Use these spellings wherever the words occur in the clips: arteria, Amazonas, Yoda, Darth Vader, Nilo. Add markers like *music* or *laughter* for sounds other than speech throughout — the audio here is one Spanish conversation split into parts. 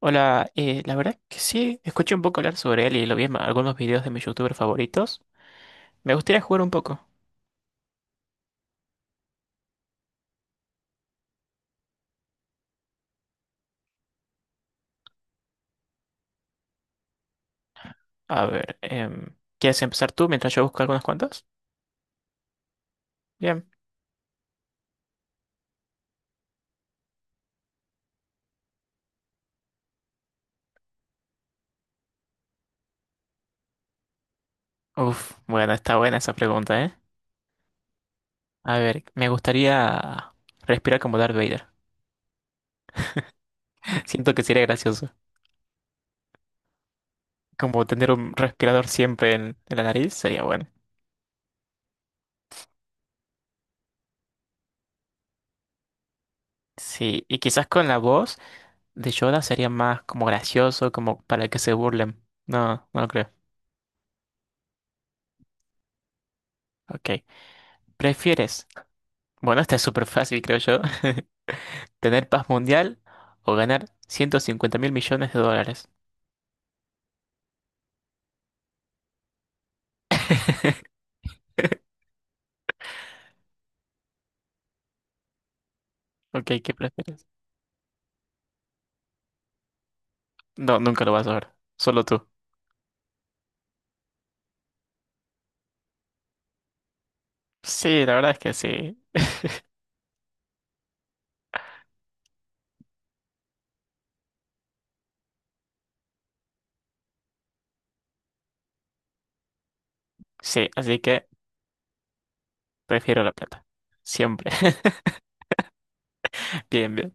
Hola, la verdad que sí, escuché un poco hablar sobre él y lo vi en algunos videos de mis youtubers favoritos. Me gustaría jugar un poco. A ver, ¿quieres empezar tú mientras yo busco algunas cuantas? Bien. Uf, bueno, está buena esa pregunta, ¿eh? A ver, me gustaría respirar como Darth Vader. *laughs* Siento que sería gracioso. Como tener un respirador siempre en la nariz sería bueno. Sí, y quizás con la voz de Yoda sería más como gracioso, como para que se burlen. No, no lo creo. Ok. ¿Prefieres? Bueno, esta es súper fácil, creo yo. *laughs* ¿Tener paz mundial o ganar 150 mil millones de dólares? *laughs* Ok, ¿qué prefieres? No, nunca lo vas a ver. Solo tú. Sí, la verdad es que sí. Sí, así que prefiero la plata. Siempre. *laughs* Bien, bien.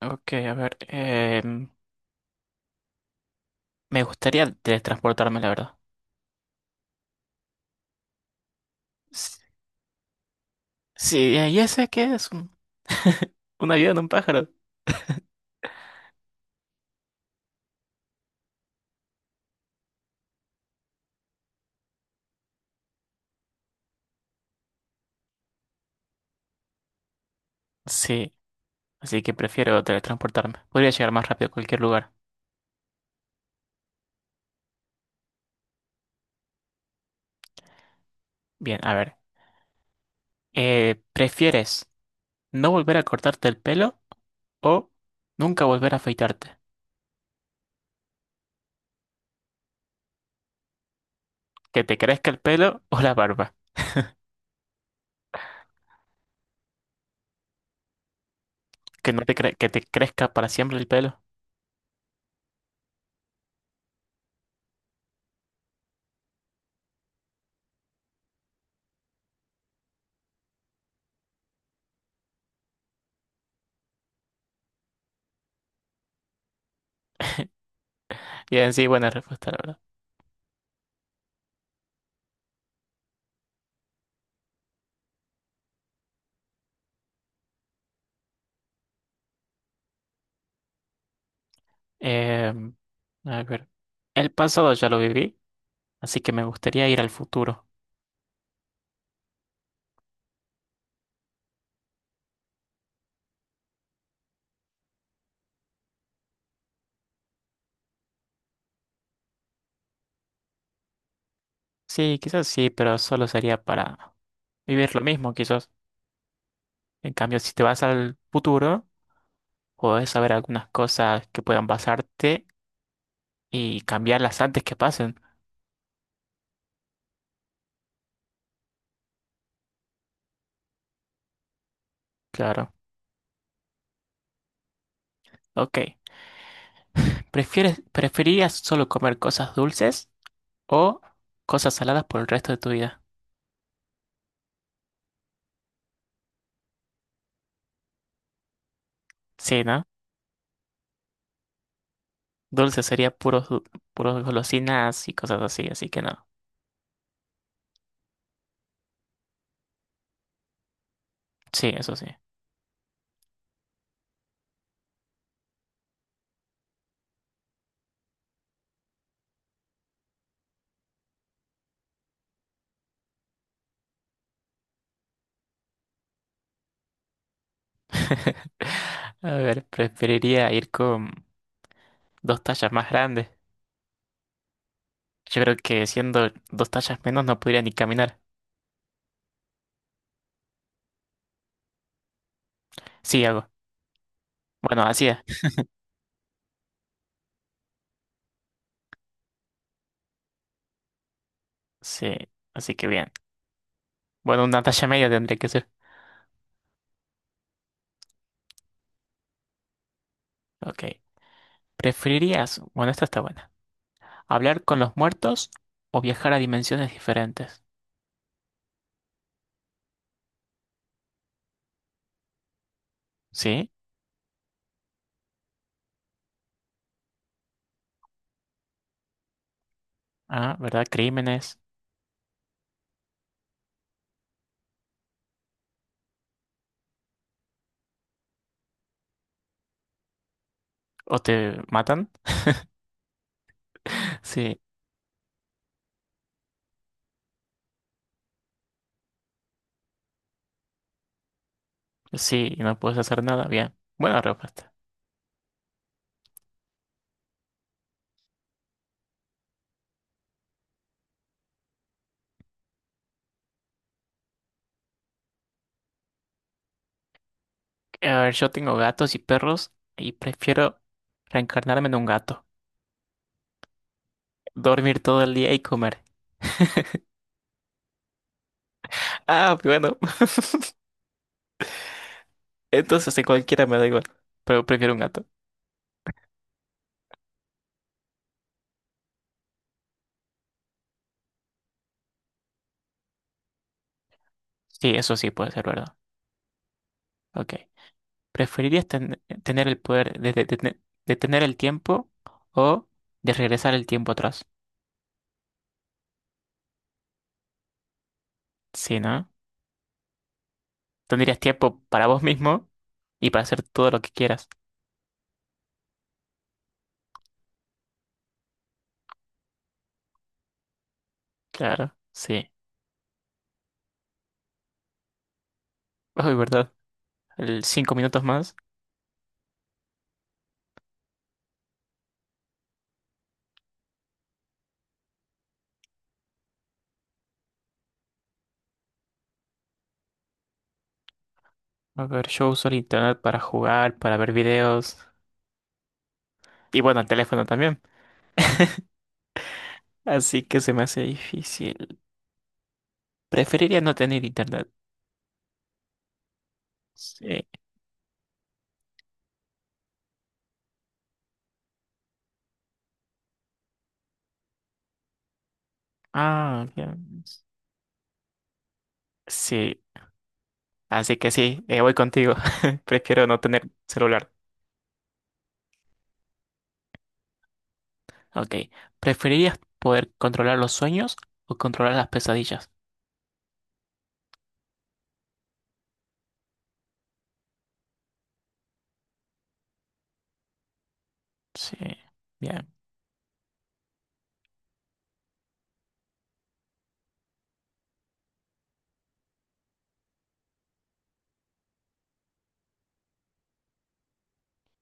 Ok, a ver. Me gustaría teletransportarme, la verdad. S- Sí, ya sé que es un, *laughs* un avión, un pájaro. *laughs* Sí, así que prefiero teletransportarme. Podría llegar más rápido a cualquier lugar. Bien, a ver. ¿Prefieres no volver a cortarte el pelo o nunca volver a afeitarte? Que te crezca el pelo o la barba. Que no te cre- Que te crezca para siempre el pelo. Y en sí, buena respuesta, la verdad. Em, a ver. El pasado ya lo viví, así que me gustaría ir al futuro. Sí, quizás sí, pero solo sería para vivir lo mismo, quizás. En cambio, si te vas al futuro, puedes saber algunas cosas que puedan pasarte y cambiarlas antes que pasen. Claro. Ok. ¿Preferirías solo comer cosas dulces o cosas saladas por el resto de tu vida? Sí, ¿no? Dulce sería puros golosinas y cosas así, así que no. Sí, eso sí. *laughs* A ver, preferiría ir con dos tallas más grandes. Yo creo que siendo dos tallas menos no podría ni caminar. Sí, hago. Bueno, así es. Sí, así que bien. Bueno, una talla media tendría que ser. Ok. ¿Preferirías, bueno, esta está buena, hablar con los muertos o viajar a dimensiones diferentes? Sí, ah, ¿verdad? Crímenes o te matan. *laughs* Sí, sí, y no puedes hacer nada. Bien, buena respuesta. A ver, yo tengo gatos y perros y prefiero reencarnarme en un gato, dormir todo el día y comer. Ah, bueno, *laughs* entonces en cualquiera me da igual, pero prefiero un gato. Sí, eso sí puede ser verdad. Ok. ¿Preferirías tener el poder de detener el tiempo o de regresar el tiempo atrás? Sí, ¿no? Tendrías tiempo para vos mismo y para hacer todo lo que quieras. Claro, sí. Ay, verdad. El 5 minutos más. A ver, yo uso el internet para jugar, para ver videos. Y bueno, el teléfono también. Así que se me hace difícil. Preferiría no tener internet. Sí. Ah, ya. Sí. Así que sí, voy contigo. *laughs* Prefiero no tener celular. Ok. ¿Preferirías poder controlar los sueños o controlar las pesadillas? Sí. Bien.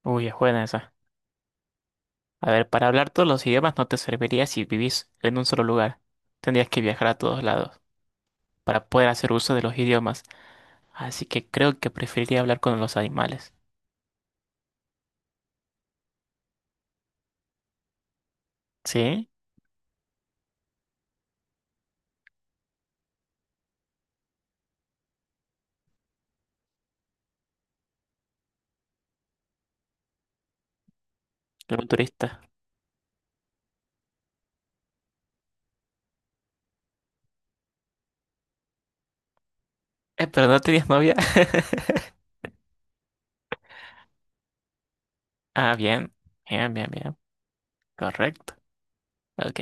Uy, es buena esa. A ver, para hablar todos los idiomas no te serviría si vivís en un solo lugar. Tendrías que viajar a todos lados para poder hacer uso de los idiomas. Así que creo que preferiría hablar con los animales. ¿Sí? Un turista. Pero no tenías novia. *laughs* Ah, bien. Bien, bien, bien. Correcto. Ok.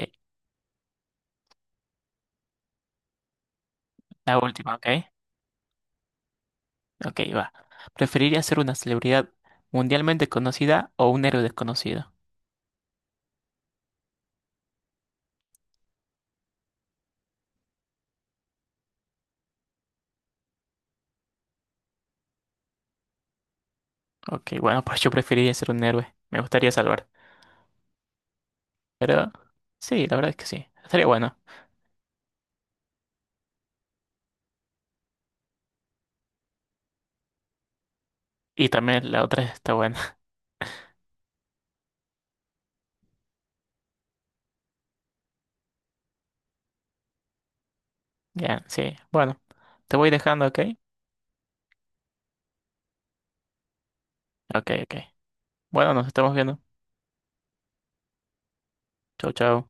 La última, ¿ok? Ok, va. ¿Preferiría ser una celebridad mundialmente conocida o un héroe desconocido? Ok, bueno, pues yo preferiría ser un héroe. Me gustaría salvar. Pero sí, la verdad es que sí. Estaría bueno. Y también la otra está buena. *laughs* Ya, sí. Bueno, te voy dejando, ¿ok? Ok, ok. Bueno, nos estamos viendo. Chau, chau.